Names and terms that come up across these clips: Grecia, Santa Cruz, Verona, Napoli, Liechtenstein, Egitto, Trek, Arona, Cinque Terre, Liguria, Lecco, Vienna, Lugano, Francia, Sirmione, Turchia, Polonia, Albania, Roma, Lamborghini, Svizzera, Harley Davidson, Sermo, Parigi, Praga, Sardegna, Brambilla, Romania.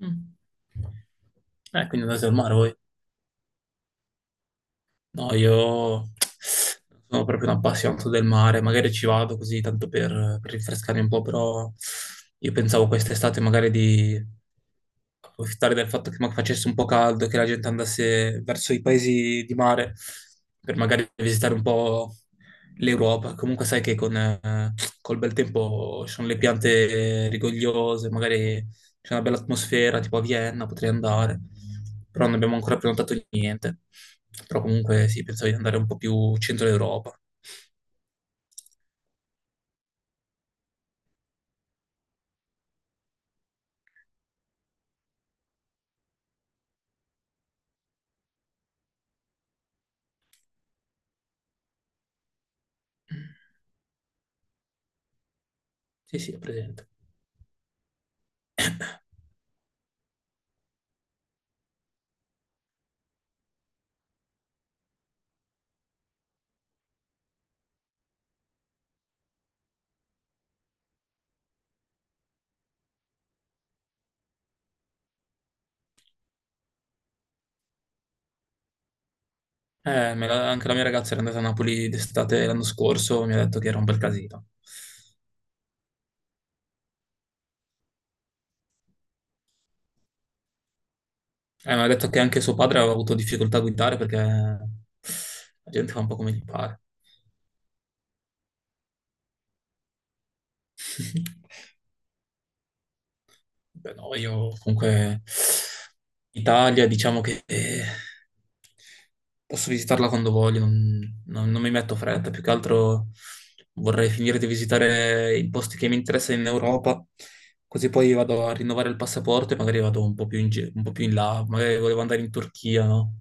Mm. Quindi andate al mare voi? No, io non sono proprio un appassionato del mare, magari ci vado così tanto per rinfrescarmi un po', però io pensavo quest'estate magari di approfittare del fatto che facesse un po' caldo, che la gente andasse verso i paesi di mare per magari visitare un po' l'Europa. Comunque sai che con col bel tempo ci sono le piante rigogliose, magari c'è una bella atmosfera, tipo a Vienna potrei andare, però non abbiamo ancora prenotato niente. Però comunque sì, pensavo di andare un po' più centro Europa. Sì, sì, è presente. Anche la mia ragazza era andata a Napoli d'estate l'anno scorso, mi ha detto che era un bel casino. Mi ha detto che anche suo padre aveva avuto difficoltà a guidare perché la gente fa un po' come gli pare. Beh, no, io comunque Italia diciamo che posso visitarla quando voglio, non mi metto fretta, più che altro vorrei finire di visitare i posti che mi interessano in Europa, così poi vado a rinnovare il passaporto e magari vado un po' un po' più in là, magari volevo andare in Turchia, no?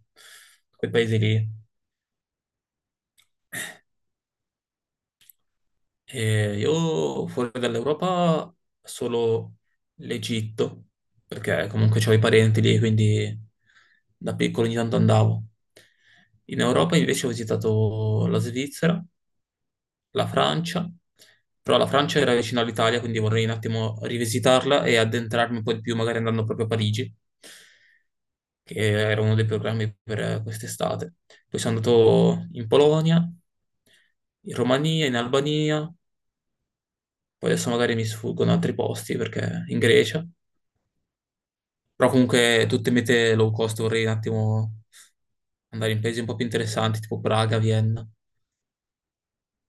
Quei paesi lì. E io fuori dall'Europa solo l'Egitto, perché comunque c'ho i parenti lì, quindi da piccolo ogni tanto andavo. In Europa invece ho visitato la Svizzera, la Francia, però la Francia era vicino all'Italia, quindi vorrei un attimo rivisitarla e addentrarmi un po' di più, magari andando proprio a Parigi, che era uno dei programmi per quest'estate. Poi sono andato in Polonia, in Romania, in Albania, poi adesso magari mi sfuggono altri posti perché in Grecia. Però comunque tutte mete low cost vorrei un attimo andare in paesi un po' più interessanti, tipo Praga, Vienna,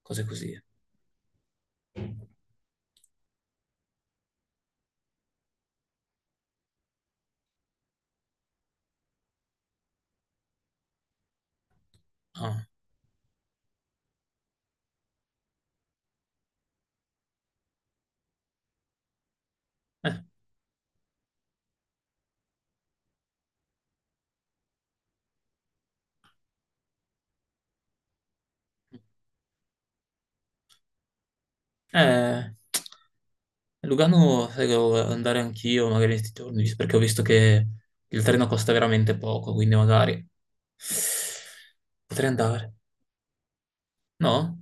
cose così. Ah, eh. Eh, Lugano, sai, che devo andare anch'io magari questi giorni, perché ho visto che il treno costa veramente poco, quindi magari potrei andare. No?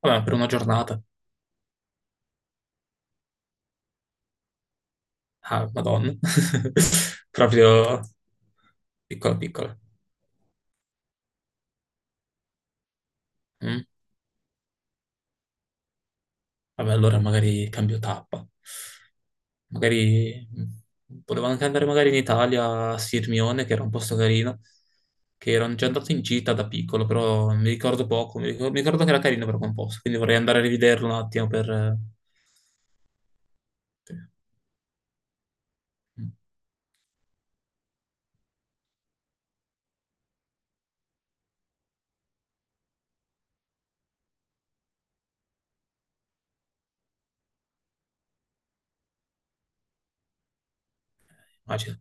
Vabbè, ma per una giornata. Ah, Madonna. Proprio piccola piccola. Mm. Vabbè, allora magari cambio tappa. Magari volevo anche andare magari in Italia a Sirmione, che era un posto carino, che ero già andato in gita da piccolo, però mi ricordo poco, mi ricordo che era carino però quel posto, quindi vorrei andare a rivederlo un attimo mh, Immagino.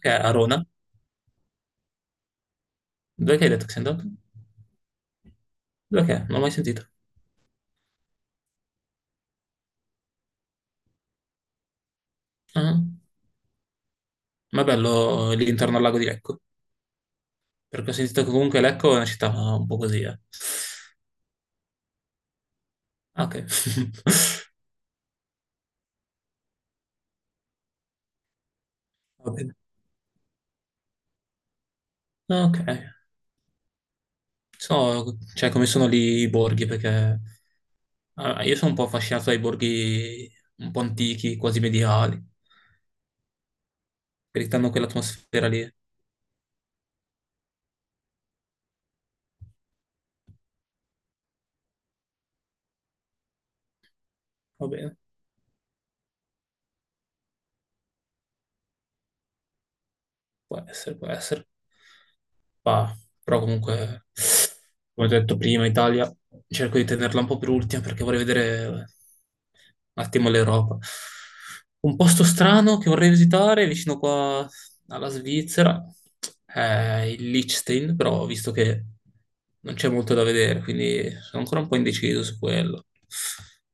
Che è? Arona? Dove che hai detto che sei andato? Dove che è? Non l'ho mai sentito. Ah, ma è bello lì intorno al lago di Lecco, perché ho sentito che comunque Lecco è una città un po' così, eh. Ah, ok. Va bene. Ah, ok. So, cioè, come sono lì i borghi, perché allora, io sono un po' affascinato dai borghi un po' antichi, quasi medievali, perché hanno quell'atmosfera lì. Va bene. Può essere, può essere. Ma- Però comunque, come ho detto prima, Italia, cerco di tenerla un po' per ultima perché vorrei vedere un attimo l'Europa. Un posto strano che vorrei visitare vicino qua alla Svizzera è il Liechtenstein, però ho visto che non c'è molto da vedere, quindi sono ancora un po' indeciso su quello.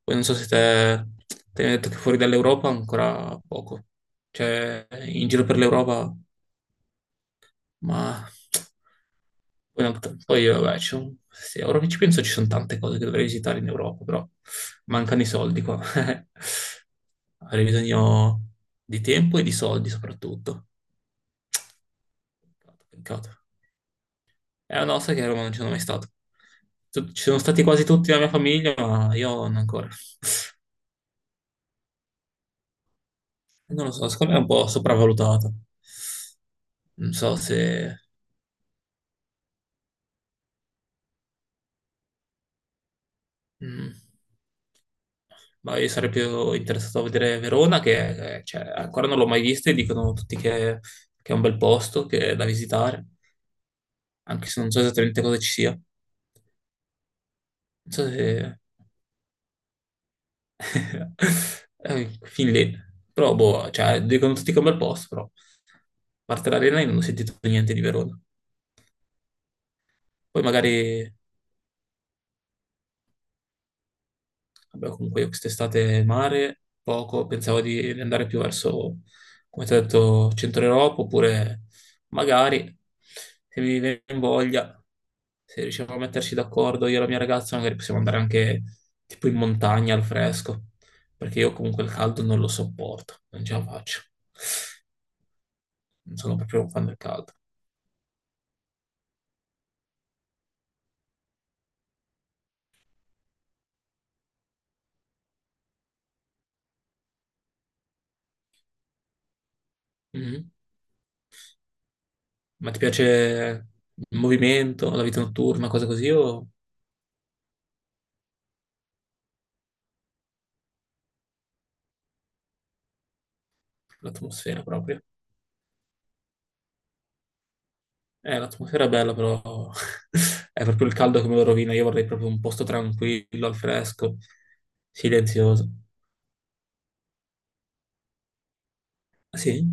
Poi non so se te, te ne hai detto che fuori dall'Europa ancora poco. Cioè, in giro per l'Europa ma poi, vabbè, sì, ora che ci penso ci sono tante cose che dovrei visitare in Europa, però mancano i soldi qua. Avrei bisogno di tempo e di soldi soprattutto. Peccato, peccato. Eh no, sai che a Roma non ci sono mai stato. Ci sono stati quasi tutti la mia famiglia, ma io non ancora. Non lo so, secondo me è un po' sopravvalutata. Non so se... mm. Ma io sarei più interessato a vedere Verona, che ancora non l'ho mai vista e che è un bel posto, che è da visitare, anche se non so esattamente cosa ci sia. Non so se... fin lì. Però, boh, cioè, dicono tutti che è un bel posto, però. A parte l'arena io non ho sentito niente di Verona. Poi magari vabbè, comunque io quest'estate mare, poco, pensavo di andare più verso, come ti ho detto, centro Europa, oppure magari, se mi viene in voglia, se riusciamo a metterci d'accordo io e la mia ragazza, magari possiamo andare anche tipo in montagna al fresco, perché io comunque il caldo non lo sopporto, non ce la faccio. Non sono proprio un fan del caldo. Mhm. Ma ti piace il movimento, la vita notturna, cose così, o l'atmosfera proprio? L'atmosfera è bella, però è proprio il caldo che me lo rovina. Io vorrei proprio un posto tranquillo, al fresco, silenzioso. Ah, sì.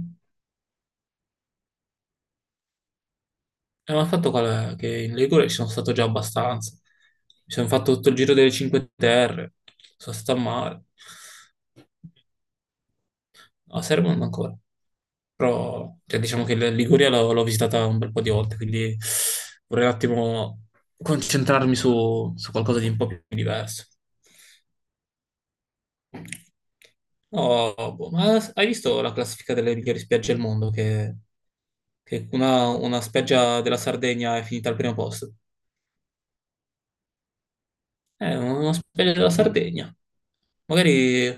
Ma il fatto qual è? Che in Ligure ci sono stato già abbastanza. Mi sono fatto tutto il giro delle Cinque Terre, sono stato a mare. A Sermo non ancora. Però, cioè, diciamo che la Liguria l'ho visitata un bel po' di volte, quindi vorrei un attimo concentrarmi su qualcosa di un po' più diverso. No, boh, ma hai visto la classifica delle migliori spiagge al mondo? Che una spiaggia della Sardegna è finita al primo posto. Una spiaggia della Sardegna. Magari un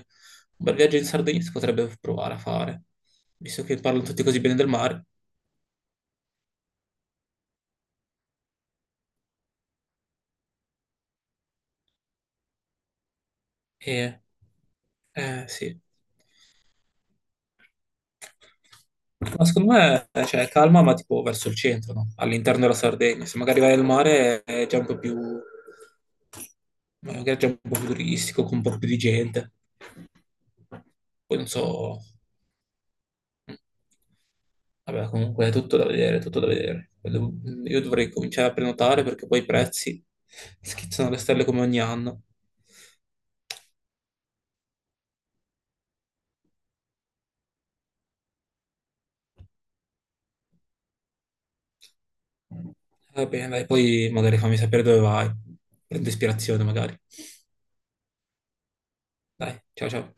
bel viaggio in Sardegna si potrebbe provare a fare, visto che parlano tutti così bene del mare. E, sì. Ma secondo me, cioè, calma, ma tipo verso il centro, no? All'interno della Sardegna. Se magari vai al mare è già un po' più, magari è già un po' più turistico, con un po' più di gente. Poi non so, vabbè, comunque è tutto da vedere, tutto da vedere. Io dovrei cominciare a prenotare perché poi i prezzi schizzano alle stelle come ogni anno. Va bene, dai, poi magari fammi sapere dove vai. Prendo ispirazione magari. Dai, ciao ciao.